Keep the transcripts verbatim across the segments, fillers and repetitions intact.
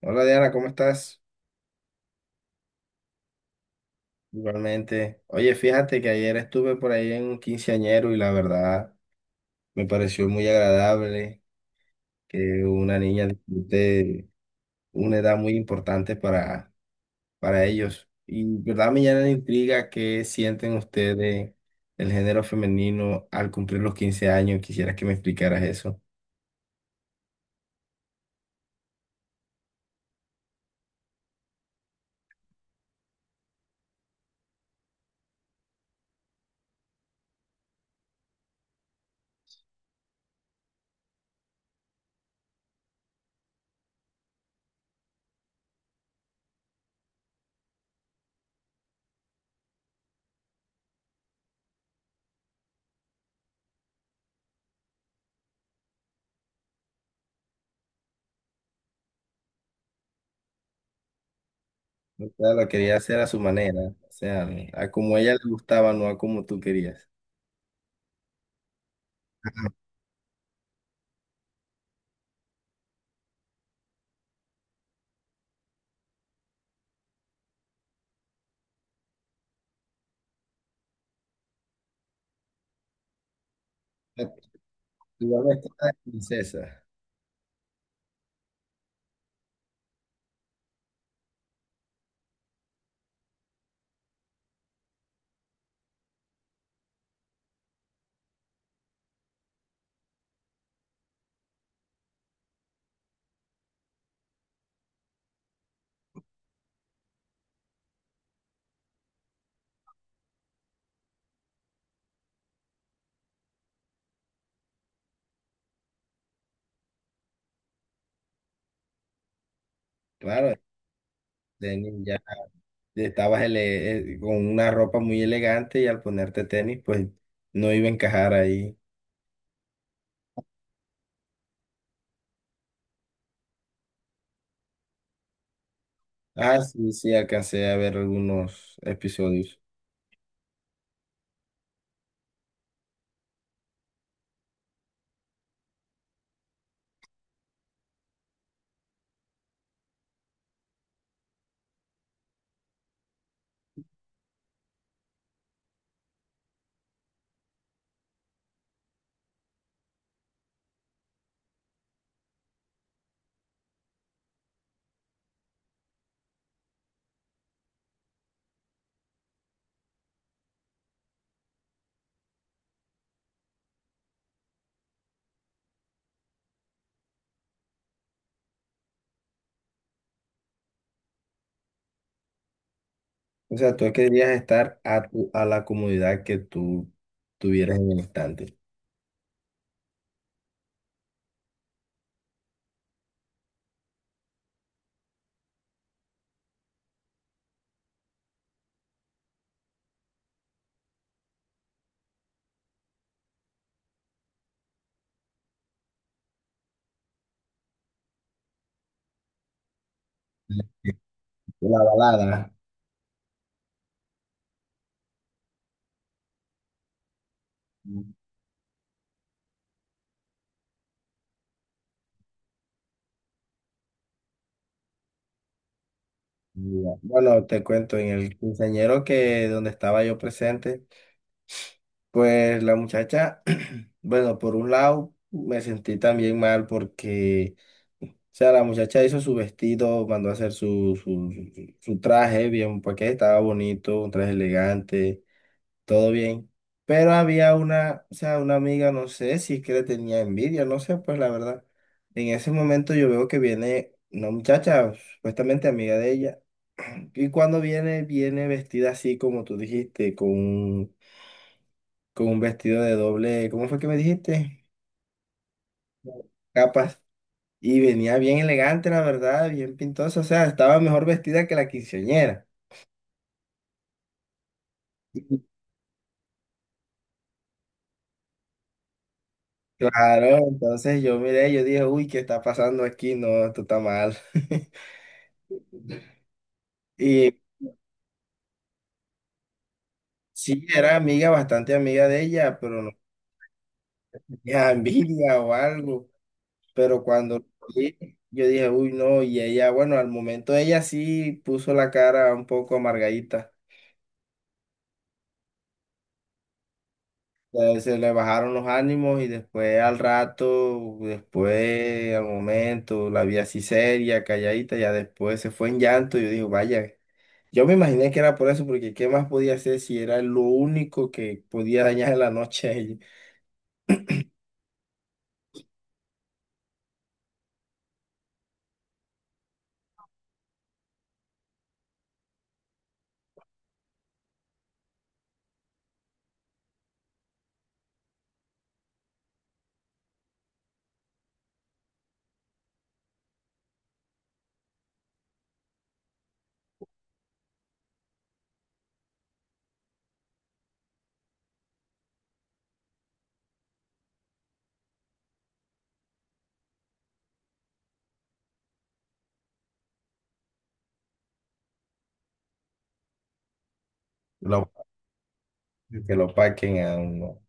Hola Diana, ¿cómo estás? Igualmente. Oye, fíjate que ayer estuve por ahí en un quinceañero y la verdad me pareció muy agradable que una niña disfrute una edad muy importante para, para ellos. Y verdad me llena de intriga qué sienten ustedes el género femenino al cumplir los quince años. Quisiera que me explicaras eso. O sea, lo quería hacer a su manera, o sea, a como a ella le gustaba, no a como tú querías. Igual no es que princesa. Claro, tenis ya. Estabas ele- eh, con una ropa muy elegante y al ponerte tenis, pues no iba a encajar ahí. Ah, sí, sí, alcancé a ver algunos episodios. O sea, tú querías estar a, tu- a la comodidad que tú tuvieras en el instante. La balada. Ya. Bueno, te cuento, en el quinceañero que donde estaba yo presente, pues la muchacha, bueno, por un lado me sentí también mal porque sea, la muchacha hizo su vestido, mandó a hacer su, su, su- su traje bien, porque estaba bonito, un traje elegante, todo bien. Pero había una, o sea, una amiga, no sé si es que le tenía envidia, no sé, pues la verdad. En ese momento yo veo que viene una muchacha, supuestamente amiga de ella, y cuando viene, viene vestida así como tú dijiste, con un, con un vestido de doble, ¿cómo fue que me dijiste? Capas. Y venía bien elegante, la verdad, bien pintosa, o sea, estaba mejor vestida que la quinceañera. Claro, entonces yo miré, yo dije, uy, ¿qué está pasando aquí? No, esto está mal. Y sí, era amiga, bastante amiga de ella, pero no tenía envidia o algo. Pero cuando lo vi, yo dije, uy, no, y ella, bueno, al momento ella sí puso la cara un poco amargadita. Ya se le bajaron los ánimos y después al rato, después al momento, la vi así seria, calladita, ya después se fue en llanto. Yo digo, vaya, yo me imaginé que era por eso, porque ¿qué más podía hacer si era lo único que podía dañar la noche a ella? Lo- que lo paquen a uno.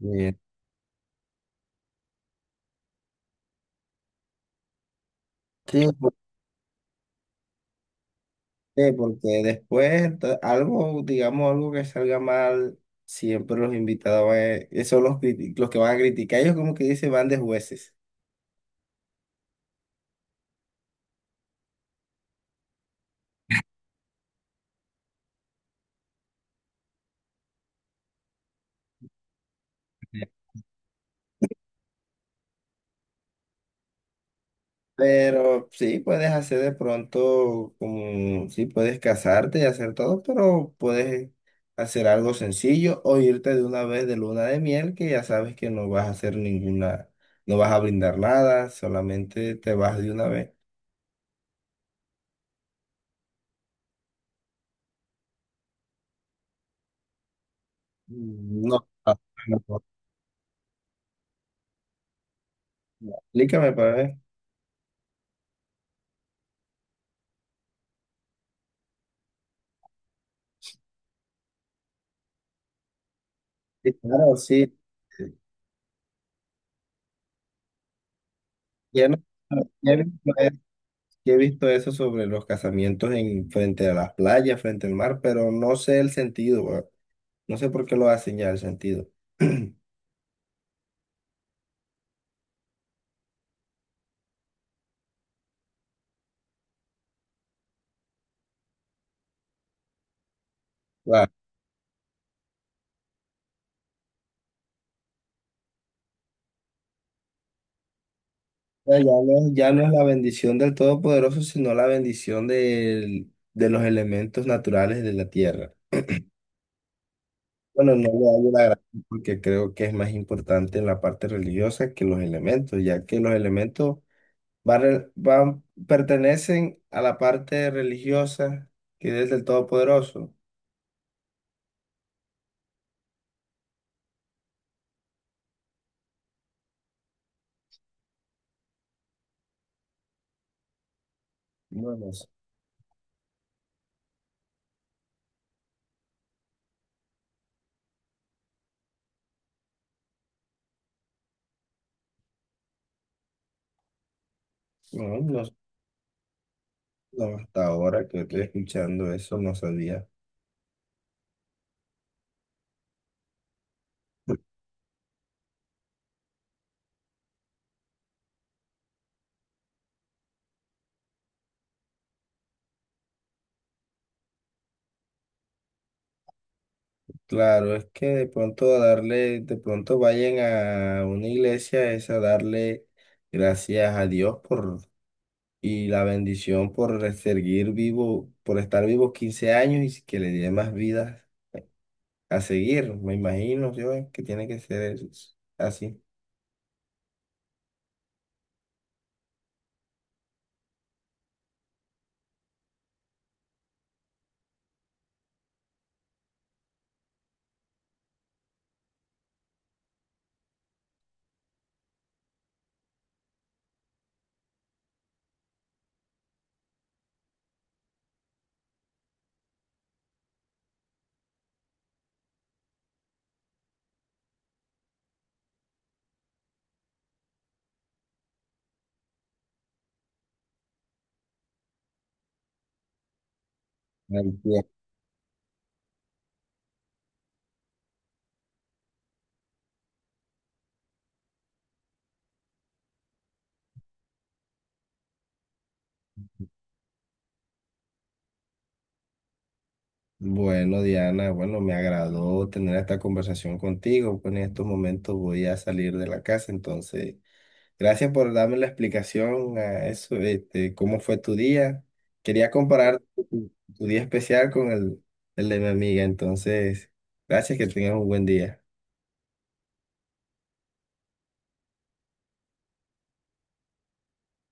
Bien. Sí, ¿por qué? Porque después ta- algo, digamos, algo que salga mal, siempre los invitados van a- son los, criti- los que van a criticar. Ellos como que dicen van de jueces. Pero sí, puedes hacer de pronto como, sí, puedes casarte y hacer todo, pero puedes hacer algo sencillo o irte de una vez de luna de miel que ya sabes que no vas a hacer ninguna, no vas a brindar nada, solamente te vas de una vez. Mm, no, ah, no, no, no. Explícame para ver. Sí, claro, sí. Ya no- ya he visto, e- ya he visto eso sobre los casamientos en, frente a las playas, frente al mar, pero no sé el sentido. No sé por qué lo hacen ya el sentido. Claro. O sea, ya no, ya no es la bendición del Todopoderoso, sino la bendición del- de los elementos naturales de la tierra. Bueno, no le hago la gracia porque creo que es más importante en la parte religiosa que los elementos, ya que los elementos van, re- van- pertenecen a la parte religiosa que es del Todopoderoso. Bueno, no, no, no, hasta ahora que estoy escuchando eso no sabía. Claro, es que de pronto a darle, de pronto vayan a una iglesia es a darle gracias a Dios por y la bendición por seguir vivo, por estar vivos quince años y que le dé más vidas a seguir. Me imagino yo eh, que tiene que ser es- así. Al pie. Bueno, Diana, bueno, me agradó tener esta conversación contigo. Pues, en estos momentos voy a salir de la casa, entonces. Gracias por darme la explicación a eso, este, cómo fue tu día. Quería comparar tu, tu día especial con el, el de mi amiga, entonces, gracias, que tengas un buen día.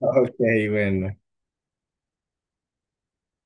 Ok, bueno.